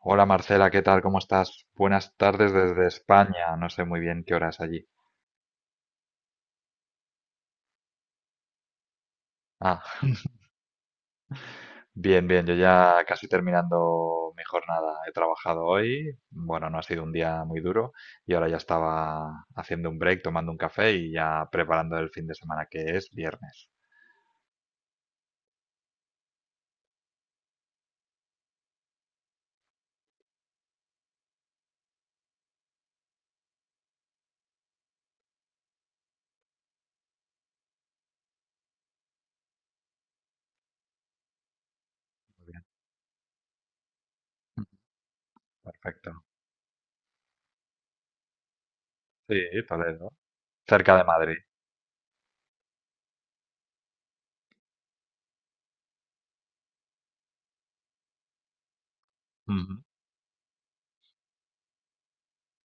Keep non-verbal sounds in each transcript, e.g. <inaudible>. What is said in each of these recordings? Hola Marcela, ¿qué tal? ¿Cómo estás? Buenas tardes desde España. No sé muy bien qué hora es allí. Ah, bien, bien. Yo ya casi terminando mi jornada. He trabajado hoy. Bueno, no ha sido un día muy duro y ahora ya estaba haciendo un break, tomando un café y ya preparando el fin de semana que es viernes. Muy bien. Perfecto. Sí, Toledo. Cerca de Madrid.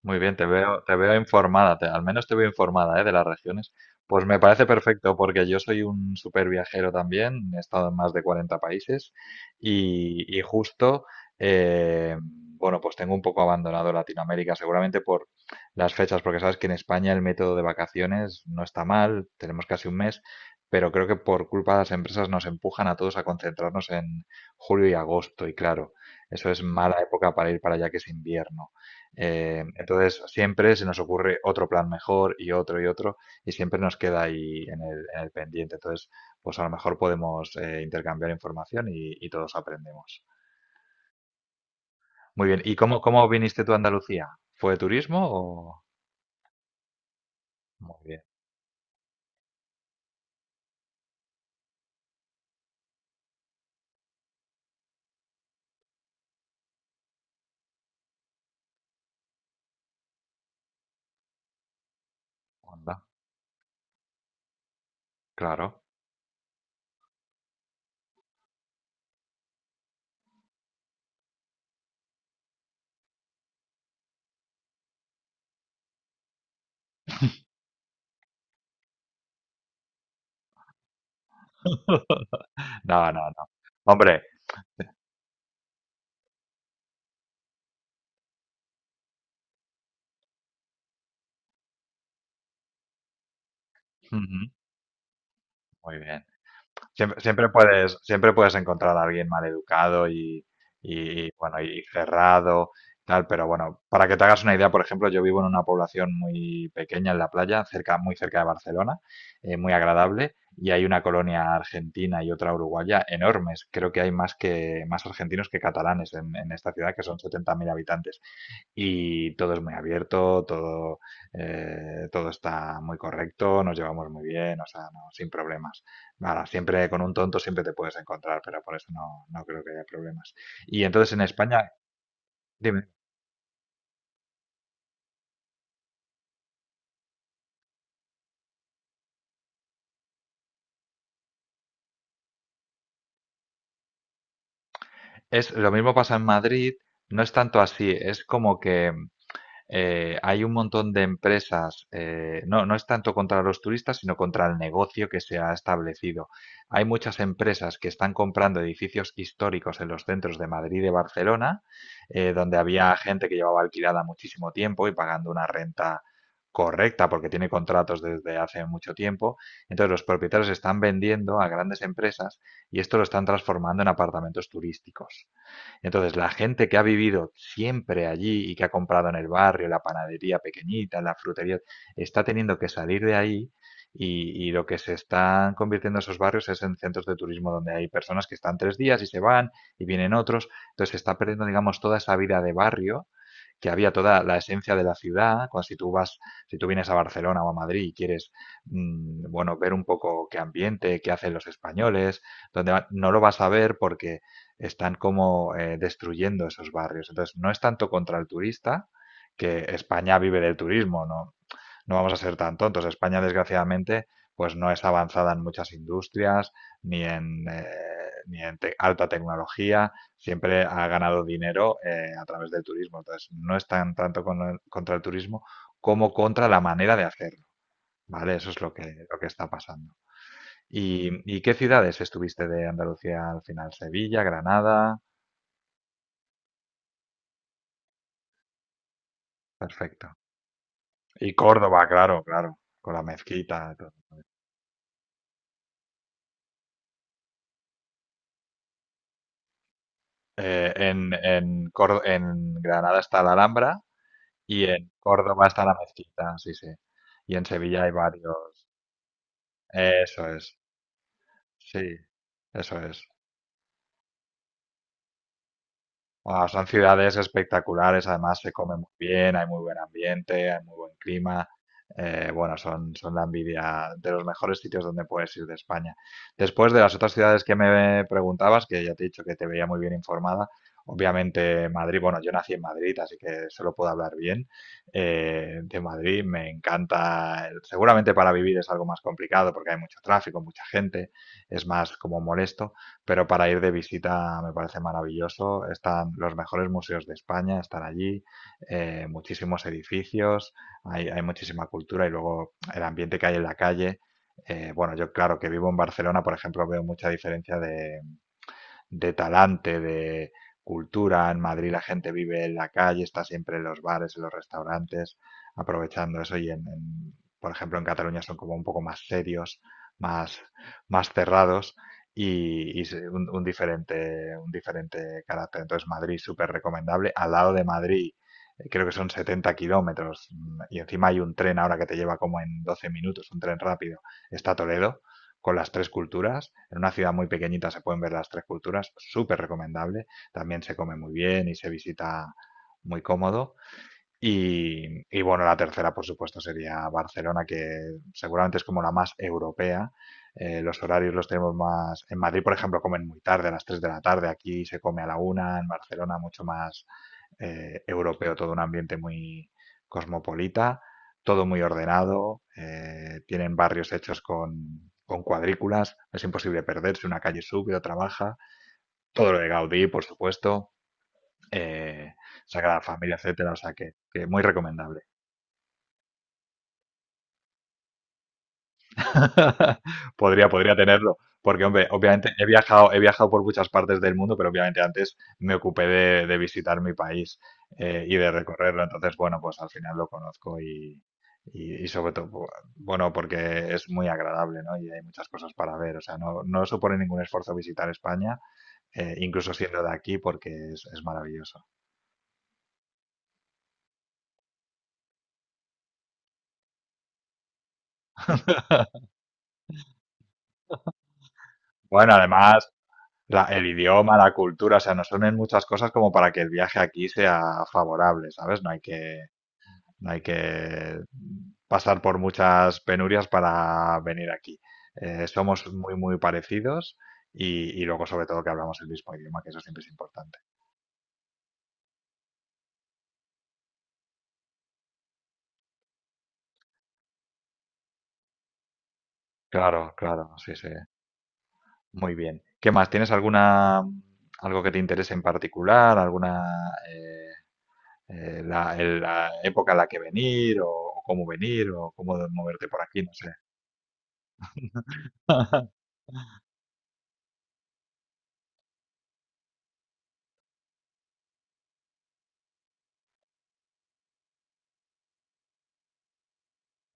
Muy bien, te veo informada, al menos te veo informada, ¿eh? De las regiones. Pues me parece perfecto porque yo soy un súper viajero también, he estado en más de 40 países y justo, bueno, pues tengo un poco abandonado Latinoamérica, seguramente por las fechas, porque sabes que en España el método de vacaciones no está mal, tenemos casi un mes, pero creo que por culpa de las empresas nos empujan a todos a concentrarnos en julio y agosto y claro, eso es mala época para ir para allá que es invierno. Entonces siempre se nos ocurre otro plan mejor y otro y otro y siempre nos queda ahí en el pendiente. Entonces, pues a lo mejor podemos intercambiar información y todos aprendemos. Muy bien. ¿Y cómo, cómo viniste tú a Andalucía? ¿Fue de turismo o...? Muy bien. Onda. Claro. <laughs> No, no, no. Hombre. Ujú. Muy bien. Siempre, siempre puedes encontrar a alguien maleducado y bueno, y cerrado, tal, pero bueno, para que te hagas una idea, por ejemplo, yo vivo en una población muy pequeña en la playa, cerca, muy cerca de Barcelona, muy agradable, y hay una colonia argentina y otra uruguaya enormes. Creo que hay más que más argentinos que catalanes en esta ciudad, que son 70.000 habitantes y todo es muy abierto, todo, todo está muy correcto, nos llevamos muy bien, o sea, no, sin problemas. Nada, siempre con un tonto siempre te puedes encontrar, pero por eso no, no creo que haya problemas. Y entonces en España, dime, es lo mismo pasa en Madrid, no es tanto así, es como que hay un montón de empresas, no, no es tanto contra los turistas, sino contra el negocio que se ha establecido. Hay muchas empresas que están comprando edificios históricos en los centros de Madrid y de Barcelona, donde había gente que llevaba alquilada muchísimo tiempo y pagando una renta correcta porque tiene contratos desde hace mucho tiempo. Entonces los propietarios están vendiendo a grandes empresas y esto lo están transformando en apartamentos turísticos. Entonces, la gente que ha vivido siempre allí y que ha comprado en el barrio, la panadería pequeñita, la frutería, está teniendo que salir de ahí y lo que se están convirtiendo esos barrios es en centros de turismo donde hay personas que están tres días y se van y vienen otros. Entonces, se está perdiendo, digamos, toda esa vida de barrio que había toda la esencia de la ciudad, cuando si tú vas, si tú vienes a Barcelona o a Madrid y quieres, bueno, ver un poco qué ambiente, qué hacen los españoles, donde no lo vas a ver porque están como destruyendo esos barrios. Entonces, no es tanto contra el turista, que España vive del turismo, no, no vamos a ser tan tontos. España, desgraciadamente, pues no es avanzada en muchas industrias, ni en, eh, ni en alta tecnología, siempre ha ganado dinero a través del turismo. Entonces, no es tan tanto con contra el turismo como contra la manera de hacerlo, ¿vale? Eso es lo que está pasando. Y qué ciudades estuviste de Andalucía al final? ¿Sevilla, Granada? Perfecto. Y Córdoba, claro, claro, con la mezquita. Todo. En Granada está la Alhambra y en Córdoba está la mezquita, sí, sí. Y en Sevilla hay varios. Eso es, sí, eso es. Ah, son ciudades espectaculares, además se come muy bien, hay muy buen ambiente, hay muy buen clima. Bueno, son, son la envidia de los mejores sitios donde puedes ir de España. Después de las otras ciudades que me preguntabas, que ya te he dicho que te veía muy bien informada, obviamente Madrid, bueno, yo nací en Madrid, así que solo puedo hablar bien de Madrid. Me encanta, seguramente para vivir es algo más complicado porque hay mucho tráfico, mucha gente, es más como molesto pero para ir de visita me parece maravilloso. Están los mejores museos de España, están allí, muchísimos edificios, hay muchísima cultura y luego el ambiente que hay en la calle. Bueno, yo claro que vivo en Barcelona, por ejemplo, veo mucha diferencia de talante, de cultura. En Madrid la gente vive en la calle, está siempre en los bares, en los restaurantes, aprovechando eso y por ejemplo, en Cataluña son como un poco más serios, más, más cerrados y un diferente carácter. Entonces, Madrid súper recomendable. Al lado de Madrid, creo que son 70 kilómetros y encima hay un tren ahora que te lleva como en 12 minutos, un tren rápido. Está Toledo, con las tres culturas. En una ciudad muy pequeñita se pueden ver las tres culturas, súper recomendable. También se come muy bien y se visita muy cómodo. Y bueno, la tercera, por supuesto, sería Barcelona, que seguramente es como la más europea. Los horarios los tenemos más... En Madrid, por ejemplo, comen muy tarde, a las 3 de la tarde. Aquí se come a la una en Barcelona mucho más europeo, todo un ambiente muy cosmopolita, todo muy ordenado, tienen barrios hechos con cuadrículas, es imposible perderse, una calle sube, otra baja, todo lo de Gaudí, por supuesto, eh, Sagrada Familia, etcétera, o sea que muy recomendable. <laughs> Podría, podría tenerlo, porque hombre, obviamente he viajado por muchas partes del mundo, pero obviamente antes me ocupé de visitar mi país y de recorrerlo, entonces bueno, pues al final lo conozco y sobre todo, bueno, porque es muy agradable, ¿no? Y hay muchas cosas para ver, o sea, no, no supone ningún esfuerzo visitar España, incluso siendo de aquí, porque es maravilloso. <laughs> Bueno, además, el idioma, la cultura, o sea, nos unen muchas cosas como para que el viaje aquí sea favorable, ¿sabes? No hay que, hay que pasar por muchas penurias para venir aquí. Somos muy, muy parecidos y luego, sobre todo, que hablamos el mismo idioma, que eso siempre es importante. Claro, claro, sí, sí. Muy bien. ¿Qué más? ¿Tienes alguna algo que te interese en particular? Eh, la época a la que venir o cómo venir o cómo moverte por aquí? No sé. <laughs>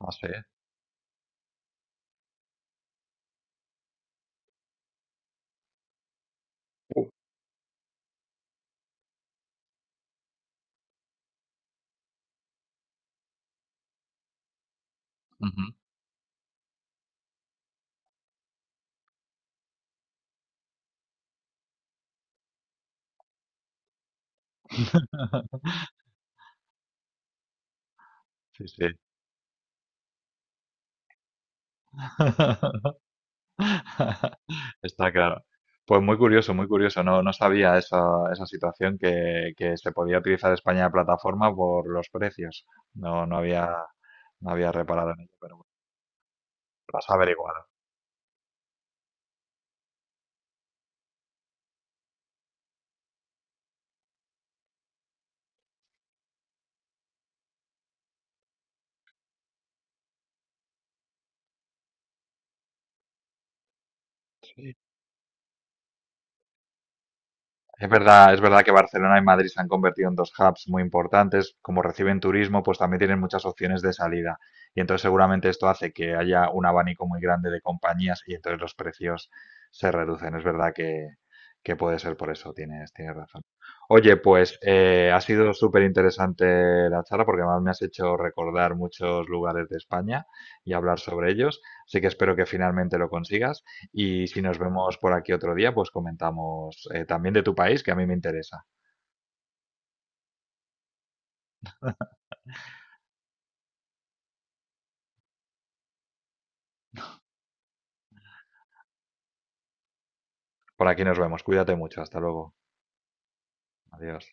No sé. Uh, Ujú. <laughs> Sí, sí. <laughs> <laughs> Está claro. Pues muy curioso, muy curioso. No, no sabía esa, esa situación que se podía utilizar España de plataforma por los precios. No, no había, no había reparado en ello, pero bueno, lo has averiguado. Es verdad que Barcelona y Madrid se han convertido en dos hubs muy importantes. Como reciben turismo, pues también tienen muchas opciones de salida. Y entonces seguramente esto hace que haya un abanico muy grande de compañías y entonces los precios se reducen. Es verdad que puede ser por eso, tienes, tienes razón. Oye, pues ha sido súper interesante la charla porque además me has hecho recordar muchos lugares de España y hablar sobre ellos. Así que espero que finalmente lo consigas. Y si nos vemos por aquí otro día, pues comentamos también de tu país, que a mí me interesa. Por aquí nos vemos. Cuídate mucho. Hasta luego. Adiós.